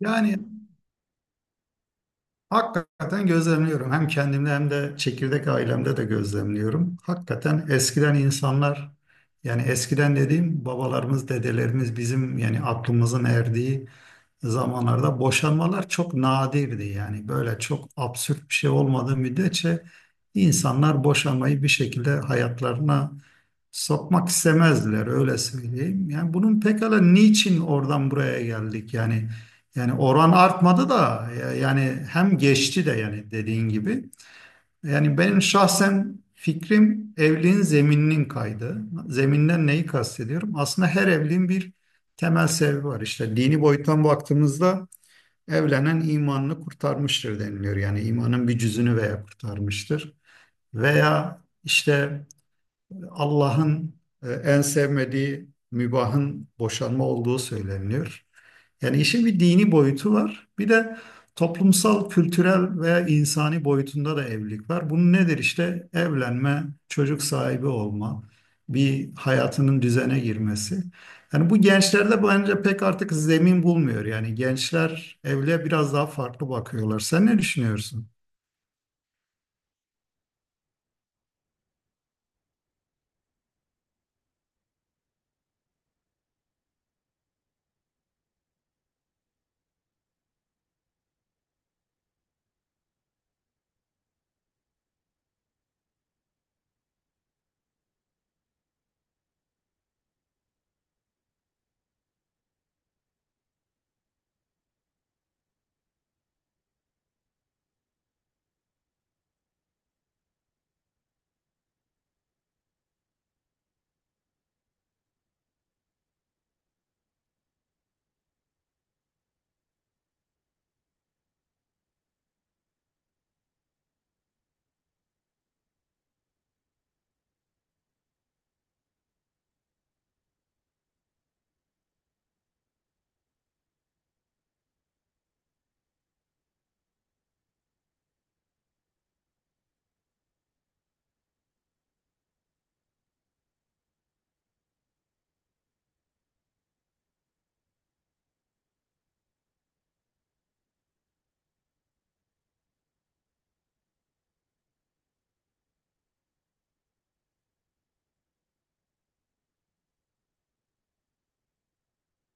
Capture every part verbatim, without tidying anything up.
Yani hakikaten gözlemliyorum. Hem kendimde hem de çekirdek ailemde de gözlemliyorum. Hakikaten eskiden insanlar yani eskiden dediğim babalarımız, dedelerimiz bizim yani aklımızın erdiği zamanlarda boşanmalar çok nadirdi. Yani böyle çok absürt bir şey olmadığı müddetçe insanlar boşanmayı bir şekilde hayatlarına sokmak istemezdiler öyle söyleyeyim. Yani bunun pekala niçin oradan buraya geldik? Yani yani oran artmadı da ya- yani hem geçti de yani dediğin gibi. Yani benim şahsen fikrim evliliğin zemininin kaydı. Zeminden neyi kastediyorum? Aslında her evliliğin bir temel sebebi var. İşte dini boyuttan baktığımızda evlenen imanını kurtarmıştır deniliyor. Yani imanın bir cüzünü veya kurtarmıştır. Veya işte Allah'ın e, en sevmediği mübahın boşanma olduğu söyleniyor. Yani işin bir dini boyutu var. Bir de toplumsal, kültürel veya insani boyutunda da evlilik var. Bunun nedir işte? Evlenme, çocuk sahibi olma, bir hayatının düzene girmesi. Yani bu gençlerde bence pek artık zemin bulmuyor. Yani gençler evliliğe biraz daha farklı bakıyorlar. Sen ne düşünüyorsun?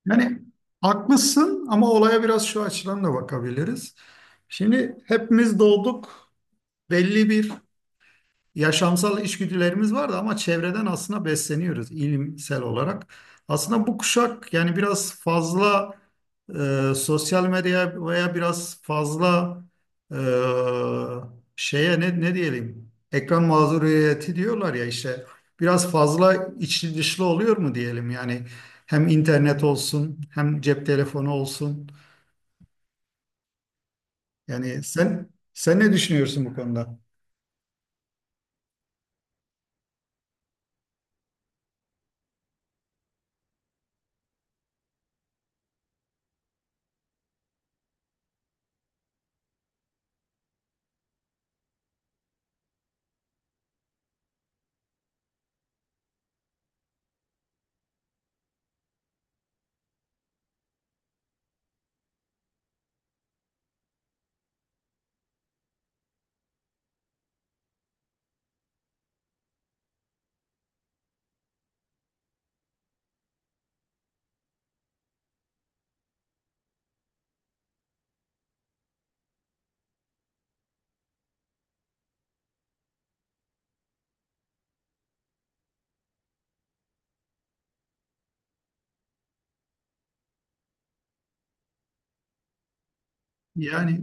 Yani haklısın ama olaya biraz şu açıdan da bakabiliriz. Şimdi hepimiz doğduk, belli bir yaşamsal içgüdülerimiz vardı ama çevreden aslında besleniyoruz ilimsel olarak. Aslında bu kuşak yani biraz fazla e, sosyal medyaya veya biraz fazla e, şeye ne, ne diyelim, ekran mağduriyeti diyorlar ya, işte biraz fazla içli dışlı oluyor mu diyelim, yani hem internet olsun hem cep telefonu olsun. Yani sen sen ne düşünüyorsun bu konuda? Yani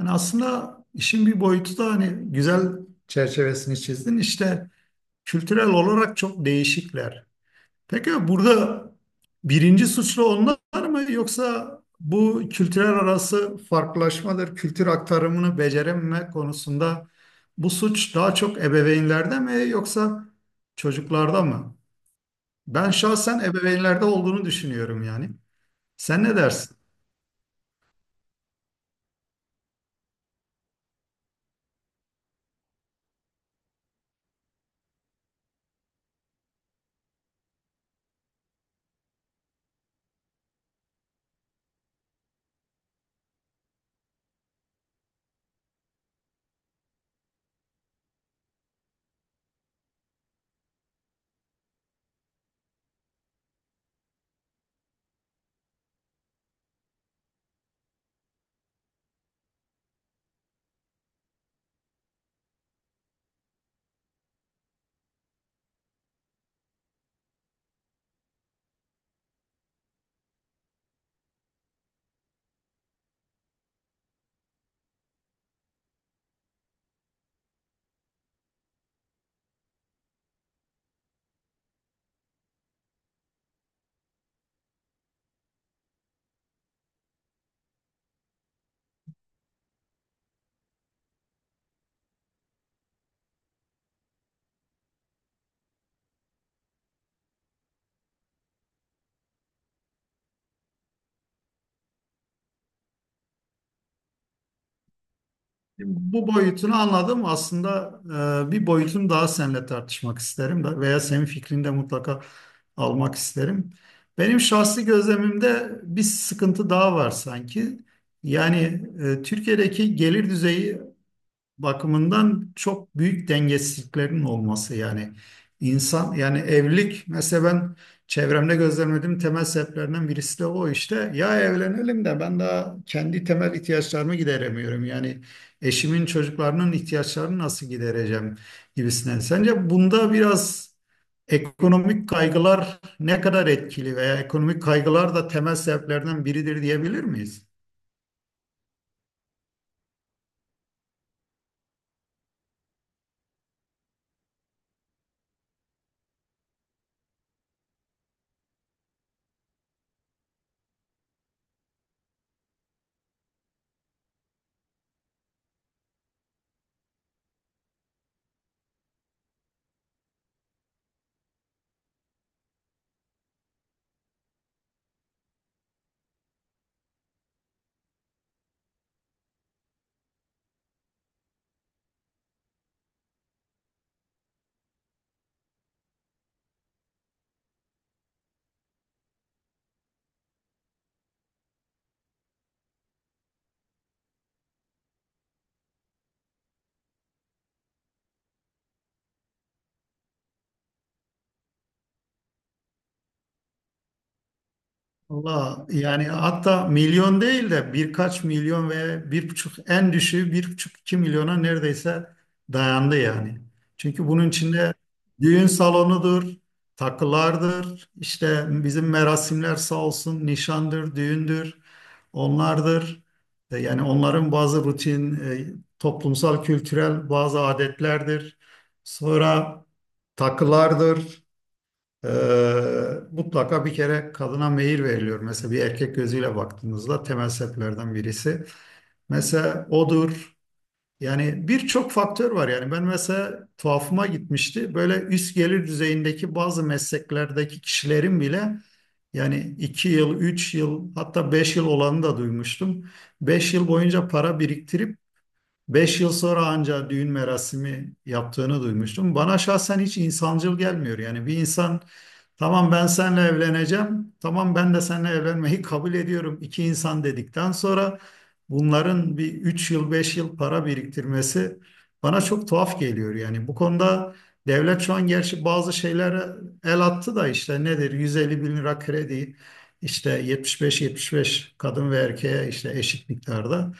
Yani aslında işin bir boyutu da hani güzel, çerçevesini çizdin. İşte kültürel olarak çok değişikler. Peki burada birinci suçlu onlar mı yoksa bu kültürel arası farklılaşmadır, kültür aktarımını becerememe konusunda bu suç daha çok ebeveynlerde mi yoksa çocuklarda mı? Ben şahsen ebeveynlerde olduğunu düşünüyorum yani. Sen ne dersin? Bu boyutunu anladım. Aslında e, bir boyutunu daha seninle tartışmak isterim da veya senin fikrini de mutlaka almak isterim. Benim şahsi gözlemimde bir sıkıntı daha var sanki. Yani e, Türkiye'deki gelir düzeyi bakımından çok büyük dengesizliklerin olması, yani insan, yani evlilik, mesela ben çevremde gözlemlediğim temel sebeplerinden birisi de o. işte ya evlenelim de ben daha kendi temel ihtiyaçlarımı gideremiyorum yani, eşimin çocuklarının ihtiyaçlarını nasıl gidereceğim gibisinden. Sence bunda biraz ekonomik kaygılar ne kadar etkili veya ekonomik kaygılar da temel sebeplerden biridir diyebilir miyiz? Valla yani hatta milyon değil de birkaç milyon, ve bir buçuk en düşüğü, bir buçuk iki milyona neredeyse dayandı yani. Çünkü bunun içinde düğün salonudur, takılardır, işte bizim merasimler sağ olsun nişandır, düğündür, onlardır. E, Yani onların bazı rutin, e, toplumsal, kültürel bazı adetlerdir. Sonra takılardır. Ee, mutlaka bir kere kadına meyil veriliyor. Mesela bir erkek gözüyle baktığınızda temel sebeplerden birisi. Mesela odur. Yani birçok faktör var yani. Ben mesela tuhafıma gitmişti. Böyle üst gelir düzeyindeki bazı mesleklerdeki kişilerin bile yani iki yıl, üç yıl, hatta beş yıl olanı da duymuştum. Beş yıl boyunca para biriktirip beş yıl sonra ancak düğün merasimi yaptığını duymuştum. Bana şahsen hiç insancıl gelmiyor. Yani bir insan tamam ben seninle evleneceğim, tamam ben de seninle evlenmeyi kabul ediyorum, İki insan dedikten sonra bunların bir üç yıl, beş yıl para biriktirmesi bana çok tuhaf geliyor. Yani bu konuda devlet şu an gerçi bazı şeylere el attı da, işte nedir, yüz elli bin lira bin lira kredi, işte yetmiş beş yetmiş beş kadın ve erkeğe, işte eşit miktarda.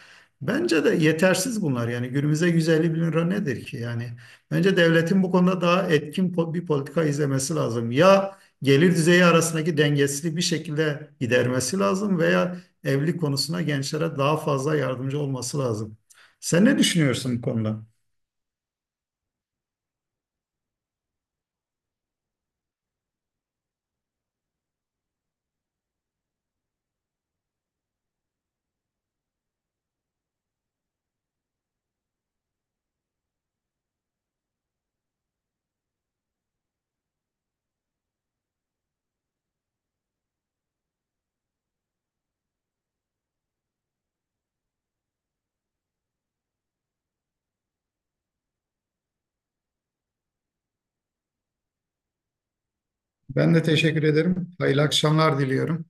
Bence de yetersiz bunlar. Yani günümüzde yüz elli bin lira bin lira nedir ki? Yani bence devletin bu konuda daha etkin po- bir politika izlemesi lazım. Ya gelir düzeyi arasındaki dengesizliği bir şekilde gidermesi lazım, veya evlilik konusuna gençlere daha fazla yardımcı olması lazım. Sen ne düşünüyorsun bu konuda? Ben de teşekkür ederim. Hayırlı akşamlar diliyorum.